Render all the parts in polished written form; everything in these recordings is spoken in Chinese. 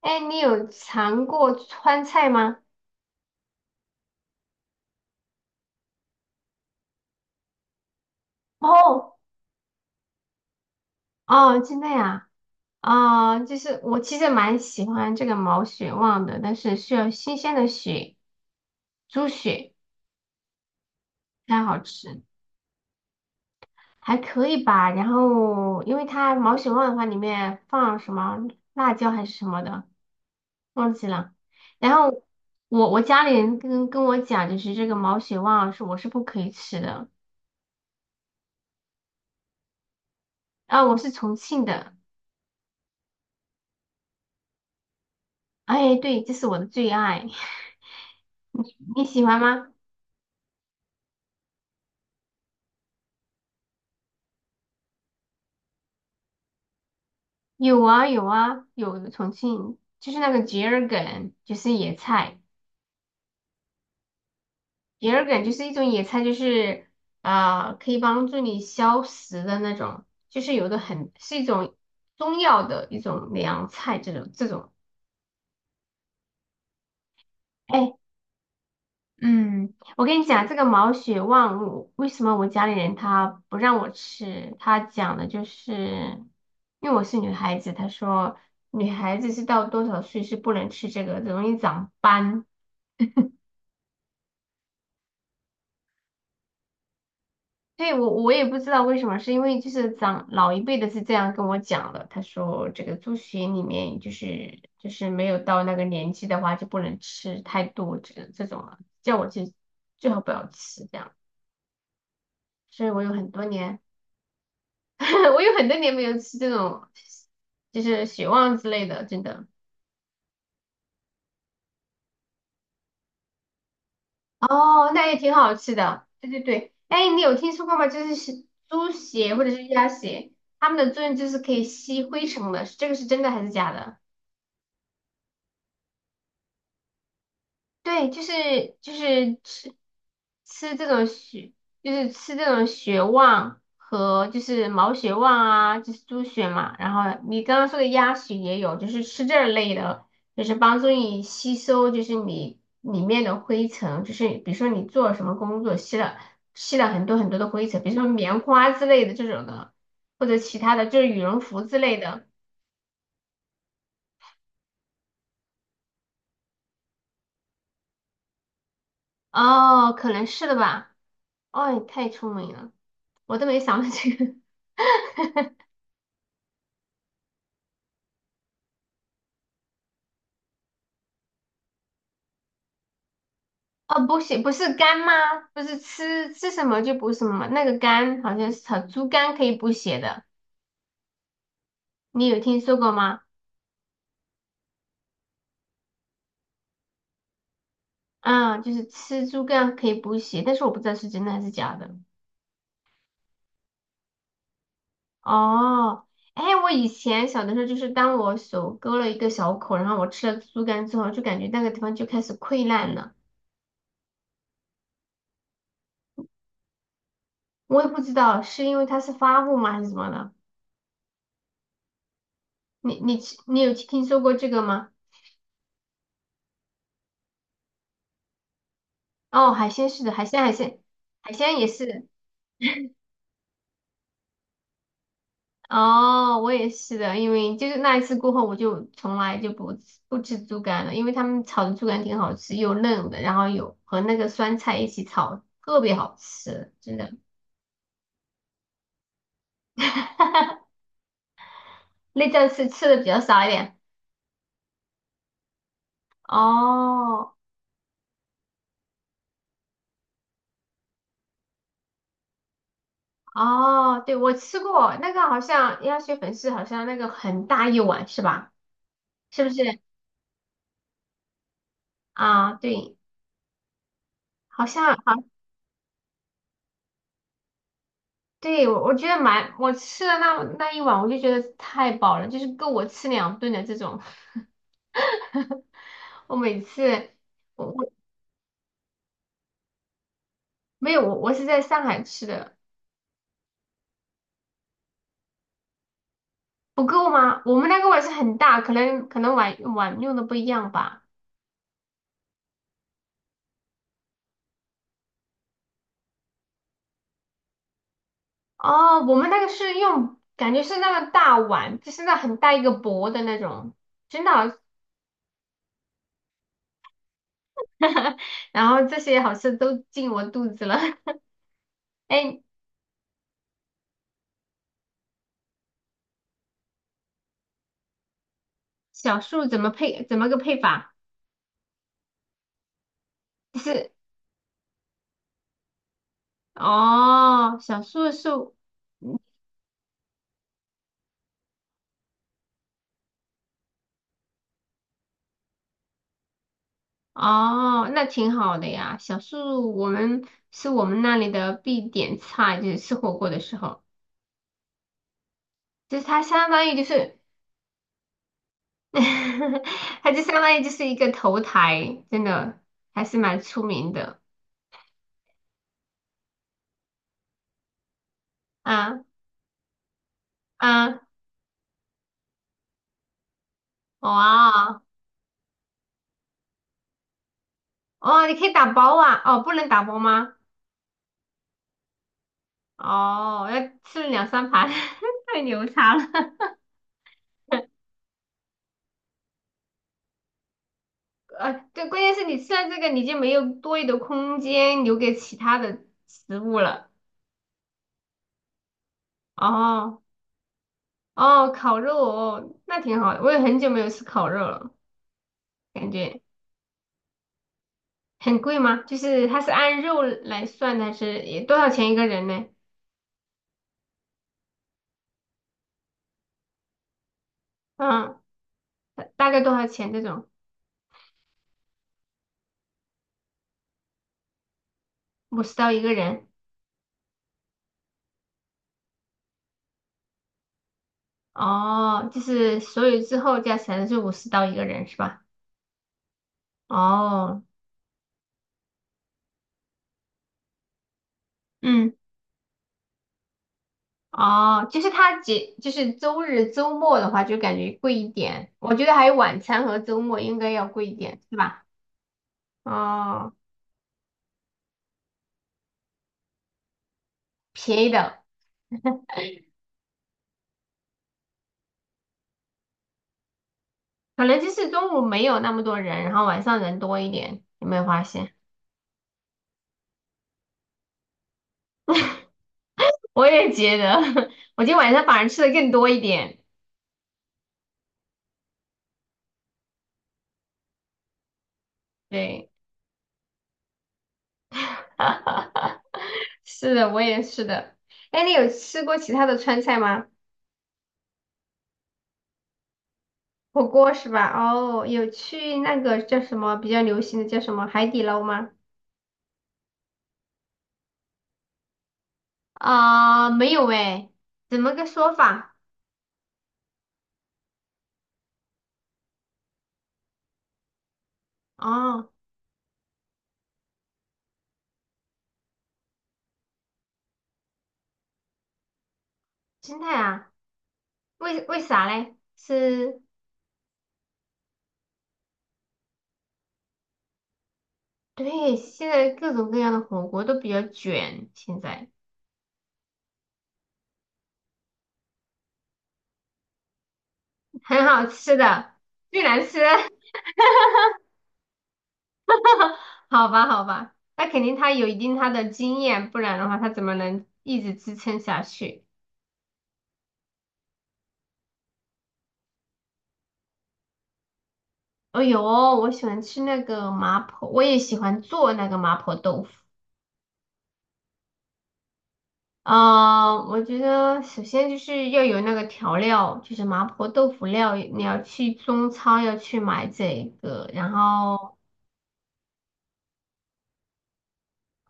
哎，你有尝过川菜吗？哦，哦，真的呀，啊、就是我其实蛮喜欢这个毛血旺的，但是需要新鲜的血，猪血才好吃，还可以吧。然后，因为它毛血旺的话，里面放什么辣椒还是什么的，忘记了。然后我家里人跟我讲，就是这个毛血旺是我是不可以吃的，啊，我是重庆的，哎，对，这是我的最爱，你喜欢吗？有啊有啊有重庆，就是那个桔儿梗，就是野菜。桔儿梗就是一种野菜，就是可以帮助你消食的那种，就是有的很是一种中药的一种凉菜，这种。哎，嗯，我跟你讲这个毛血旺，我为什么我家里人他不让我吃？他讲的就是因为我是女孩子，他说女孩子是到多少岁是不能吃这个，容易长斑。对，我也不知道为什么，是因为就是长老一辈的是这样跟我讲的，他说这个猪血里面就是没有到那个年纪的话就不能吃太多这种了，叫我去最好不要吃这样，所以我有很多年 我有很多年没有吃这种就是血旺之类的，真的。哦，那也挺好吃的，对对对，哎，你有听说过吗？就是猪血或者是鸭血，它们的作用就是可以吸灰尘的，这个是真的还是假的？对，就是吃这种血，就是吃这种血旺和就是毛血旺啊，就是猪血嘛。然后你刚刚说的鸭血也有，就是吃这类的，就是帮助你吸收，就是你里面的灰尘，就是比如说你做什么工作吸了很多很多的灰尘，比如说棉花之类的这种的，或者其他的就是羽绒服之类的。哦，可能是的吧。哦，你太聪明了，我都没想到这个。哦，补血不是肝吗？不是吃什么就补什么，那个肝好像是炒猪肝可以补血的，你有听说过吗？啊、就是吃猪肝可以补血，但是我不知道是真的还是假的。哦，哎，我以前小的时候，就是当我手割了一个小口，然后我吃了猪肝之后，就感觉那个地方就开始溃烂了，我也不知道是因为它是发物吗，还是什么的。你有听说过这个吗？哦，海鲜是的，海鲜海鲜海鲜也是。哦，我也是的，因为就是那一次过后，我就从来就不吃猪肝了，因为他们炒的猪肝挺好吃，又嫩的，然后有和那个酸菜一起炒，特别好吃，真的。内脏是吃的比较少一点。哦哦，对，我吃过那个，好像鸭血粉丝，好像那个很大一碗是吧？是不是？啊，对，好像好。对，我觉得蛮，我吃了那一碗，我就觉得太饱了，就是够我吃两顿的这种。我每次我没有我是在上海吃的，不够吗？我们那个碗是很大，可能碗用的不一样吧。哦，我们那个是用，感觉是那个大碗，就是那很大一个薄的那种，真的好 然后这些好吃都进我肚子了。哎，小树怎么配？怎么个配法？是。哦，小树是哦，那挺好的呀。小树我们是我们那里的必点菜，就是吃火锅的时候，就是它相当于就是，它就相当于就是一个头台，真的还是蛮出名的。啊啊，哇哦，你可以打包啊？哦，不能打包吗？哦，要吃两三盘，太牛叉了。对，关键是你吃了这个，你就没有多余的空间留给其他的食物了。哦哦，烤肉哦，那挺好的。我也很久没有吃烤肉了，感觉很贵吗？就是它是按肉来算的，还是也多少钱一个人呢？嗯，大概多少钱这种？五十刀一个人。哦，就是所有之后加起来是五十刀一个人是吧？哦，嗯。哦，就是它节，就是周日、周末的话，就感觉贵一点。我觉得还有晚餐和周末应该要贵一点，是吧？哦，便宜的，可能就是中午没有那么多人，然后晚上人多一点，有没有发现？我也觉得，我今天晚上反而吃的更多一点。对，是的，我也是的。哎，你有吃过其他的川菜吗？火锅是吧？哦，有去那个叫什么比较流行的叫什么海底捞吗？啊、没有诶，怎么个说法？哦，心态啊，为啥嘞？是，对，现在各种各样的火锅都比较卷，现在 很好吃的，最难吃，好吧，好吧，那肯定他有一定他的经验，不然的话他怎么能一直支撑下去？哦哟，我喜欢吃那个麻婆，我也喜欢做那个麻婆豆腐。我觉得首先就是要有那个调料，就是麻婆豆腐料，你要去中超要去买这个，然后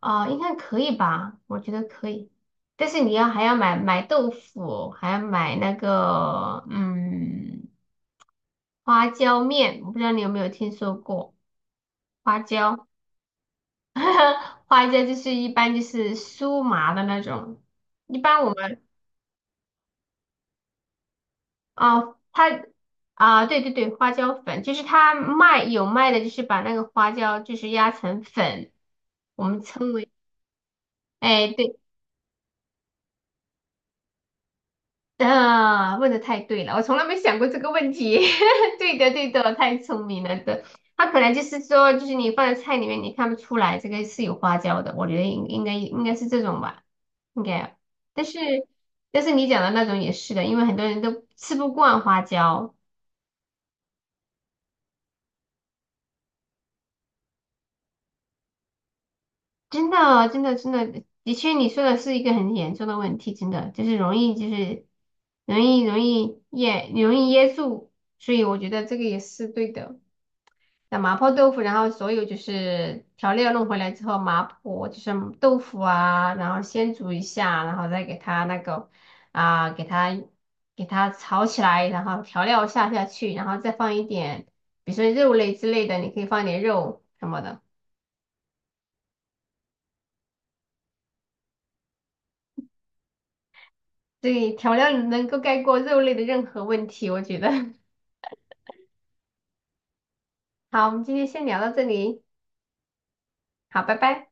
应该可以吧？我觉得可以，但是你要还要买豆腐，还要买那个花椒面，我不知道你有没有听说过花椒，花椒就是一般就是酥麻的那种，一般我们。哦，它啊，对对对，花椒粉就是它卖有卖的，就是把那个花椒就是压成粉，我们称为哎对啊，问的太对了，我从来没想过这个问题。对的对的，太聪明了的。它可能就是说，就是你放在菜里面，你看不出来这个是有花椒的，我觉得应该是这种吧，应该。但是但是你讲的那种也是的，因为很多人都吃不惯花椒。真的哦，真的，真的，的确，你说的是一个很严重的问题，真的就是容易，就是容易噎，容易噎住，所以我觉得这个也是对的。那麻婆豆腐，然后所有就是调料弄回来之后，麻婆就是豆腐啊，然后先煮一下，然后再给它那个啊，给它炒起来，然后调料下下去，然后再放一点，比如说肉类之类的，你可以放一点肉什么的。对，调料能够盖过肉类的任何问题，我觉得。好，我们今天先聊到这里，好，拜拜。